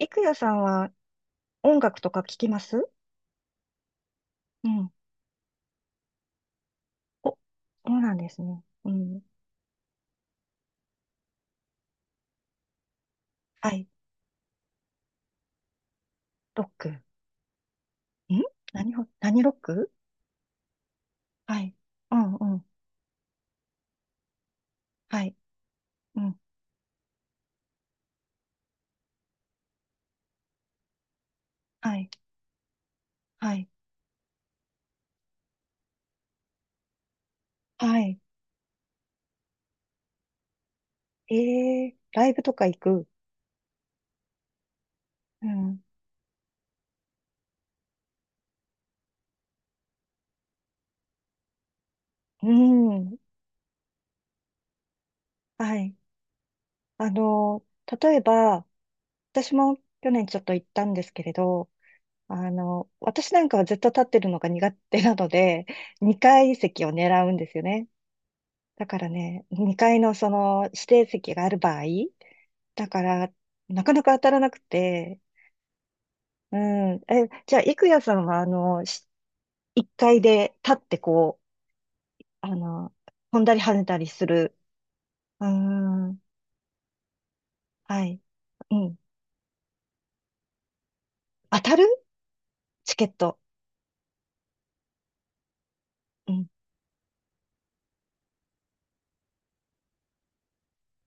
いくやさんは音楽とか聞きますうん。お、そうなんですね。うん。はい。ロック。ん、何ロック？はい。うんうん。はい。うん。はい。はい。はい。ライブとか行く？うん。うん。はい。あの、例えば、私も去年ちょっと行ったんですけれど、あの、私なんかはずっと立ってるのが苦手なので、2階席を狙うんですよね。だからね、2階のその指定席がある場合、だから、なかなか当たらなくて、うん。え、じゃあ、郁也さんは、あの、1階で立ってこう、あの、飛んだり跳ねたりする。うん。はい。うん。当たるチケット。うん。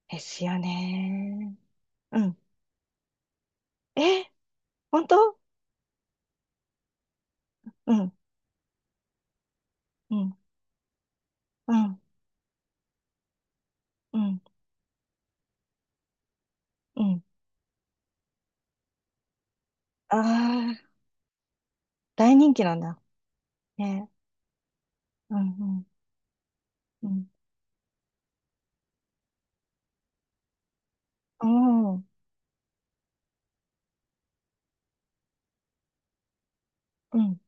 ですよね。うん。え、本当。うん。うん。うん。うん。うん。ああ、大人気なんだ。ね。うん。うん。うん。うん。うん。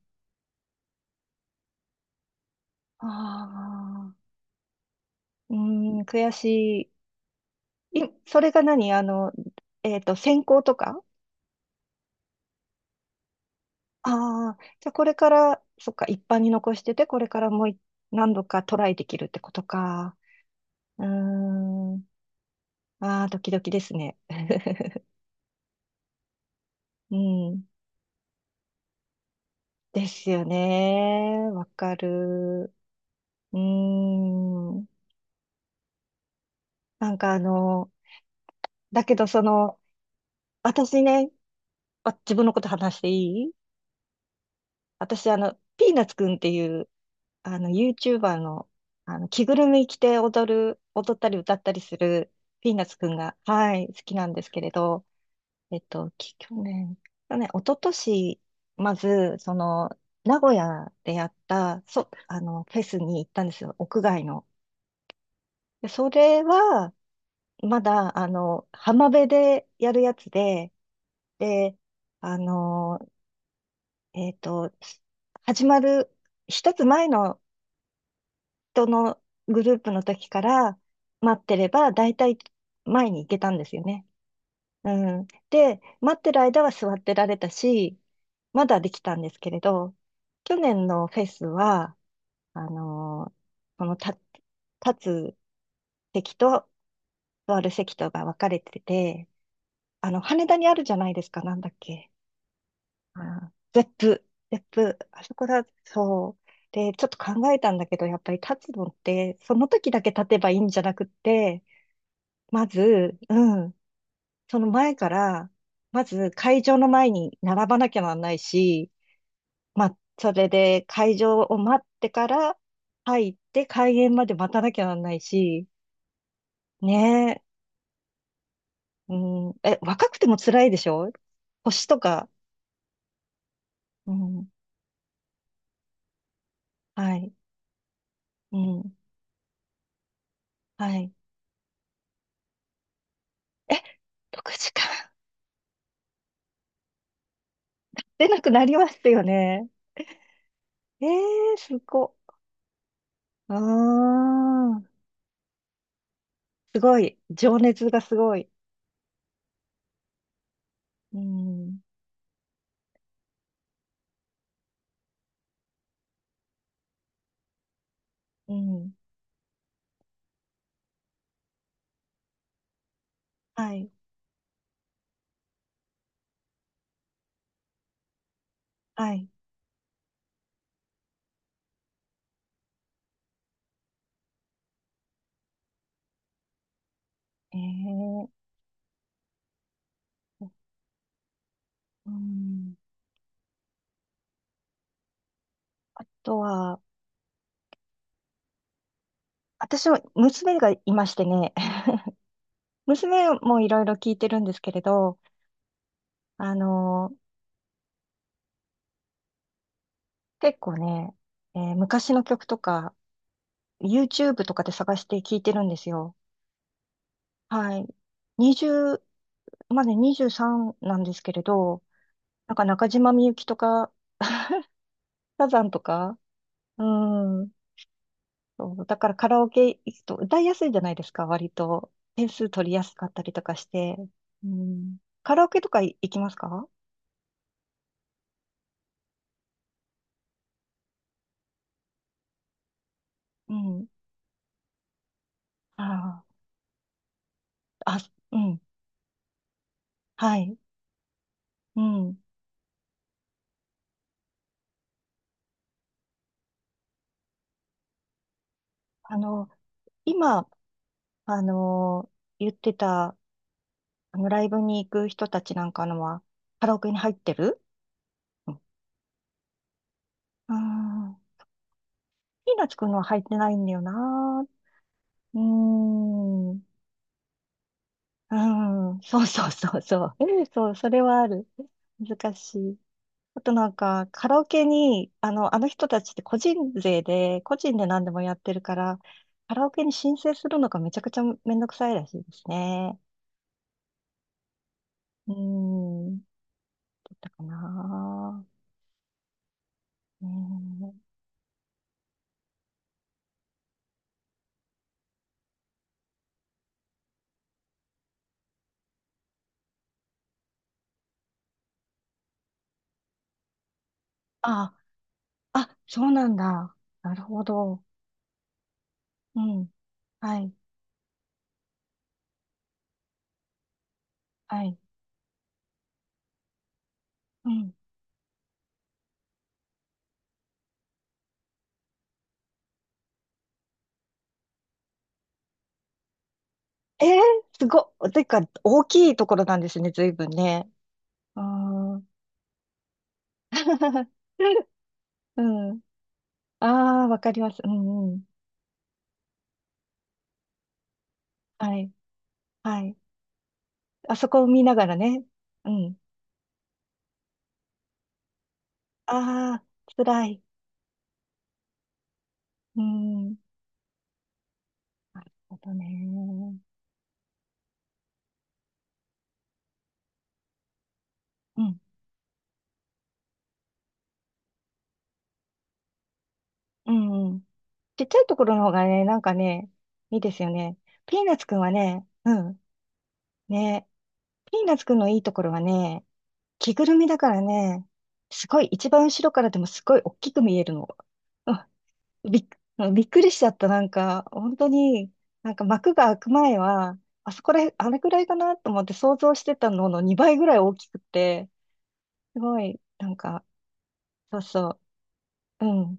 ああ、うーん、悔しい。それが何あの、専攻とか。ああー、じゃあこれから、そっか、一般に残してて、これからも何度かトライできるってことか。うーん、ああ、ドキドキですね。うん、ですよね。わかる。うーん、なんかあの、だけどその、私ね、あ、自分のこと話していい？私あの、ピーナッツくんっていうあの、YouTuber の、あの、着ぐるみ着て踊ったり歌ったりするピーナッツくんが、はい、好きなんですけれど、去年、去年、一昨年、まず、その、名古屋でやった、あの、フェスに行ったんですよ、屋外の。で、それは、まだ、あの、浜辺でやるやつで、で、あの、えっと、始まる、一つ前のとのグループの時から待ってれば、だいたい前に行けたんですよね。うん。で、待ってる間は座ってられたし、まだできたんですけれど、去年のフェスは、あのーその立つ席と座る席とが分かれてて、あの、羽田にあるじゃないですか、なんだっけ。あゼップ、ゼップ、あそこだ、そう。で、ちょっと考えたんだけど、やっぱり立つのって、その時だけ立てばいいんじゃなくって、まず、うん、その前から、まず会場の前に並ばなきゃなんないし、まあ、それで会場を待ってから入って開演まで待たなきゃなんないし、ねえ、うん、え、若くても辛いでしょ？星とか、うん、はい、うん、はい。え、6時間？出なくなりますよね。ええ、すご。ああ、すごい。情熱がすごい。うん、うん。はい。はい。えー、うん。あとは、私は娘がいましてね、娘もいろいろ聞いてるんですけれど、あのー結構ね、昔の曲とか、YouTube とかで探して聞いてるんですよ。はい。20、まだ23なんですけれど、なんか中島みゆきとか、サザンとか、うん、そう、だからカラオケ行くと歌いやすいじゃないですか、割と。点数取りやすかったりとかして。うん。カラオケとか行きますか？うん。ああ、あ、うん。はい。うん。あの、今、あの、言ってた、あの、ライブに行く人たちなんかのは、カラオケに入ってる？うん。あーピーナッツくんのは入ってないんだよな。うーん。うん。そうそうそうそう。そう、それはある。難しい。あとなんか、カラオケに、あの、あの人たちって個人税で、個人で何でもやってるから、カラオケに申請するのがめちゃくちゃめんどくさいらしいですね。うーん、だったかな。うーん。あ、あ、そうなんだ。なるほど。うん。はい、はい。うん。えー、すごっ。てか、大きいところなんですね、随分ね。うーん。うん。ああ、わかります。うんうん。はい。はい。あそこを見ながらね。うん。ああ、辛い。うん。なるほどね。うん。うん。うん。ちっちゃいところの方がね、なんかね、いいですよね。ピーナッツくんはね、うん。ね。ピーナッツくんのいいところはね、着ぐるみだからね、すごい、一番後ろからでもすごい大きく見えるの。うん、びっ、うんびっくりしちゃった。なんか、本当に、なんか幕が開く前は、あそこら、あれくらいかなと思って想像してたのの2倍ぐらい大きくて、すごい、なんか、そうそう、うん。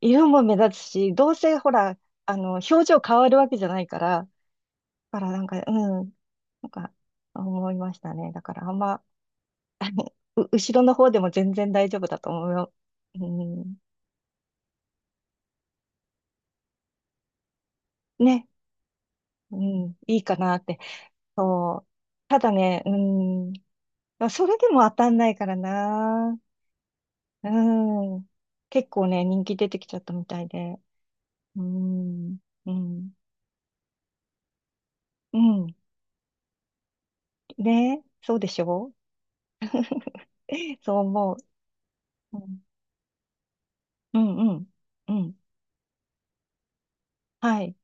色も目立つし、どうせほら、あの、表情変わるわけじゃないから、だからなんか、うん、なんか、思いましたね。だからあんま、あのう後ろの方でも全然大丈夫だと思うよ。うん、ね、うん、いいかなって。そう。ただね、うん、それでも当たんないからな。うん。結構ね、人気出てきちゃったみたいで。うん、うん、うん。ねえ、そうでしょう？ そう思う。うん、うん、うん。うん、はい。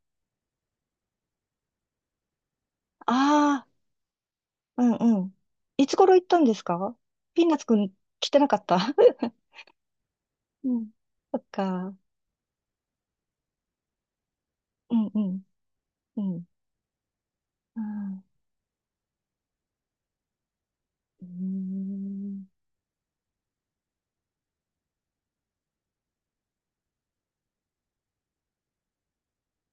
ああ、うんうん。いつ頃行ったんですか？ピーナッツくん来てなかった？ うん。そっか。うんうん。うん。あうーん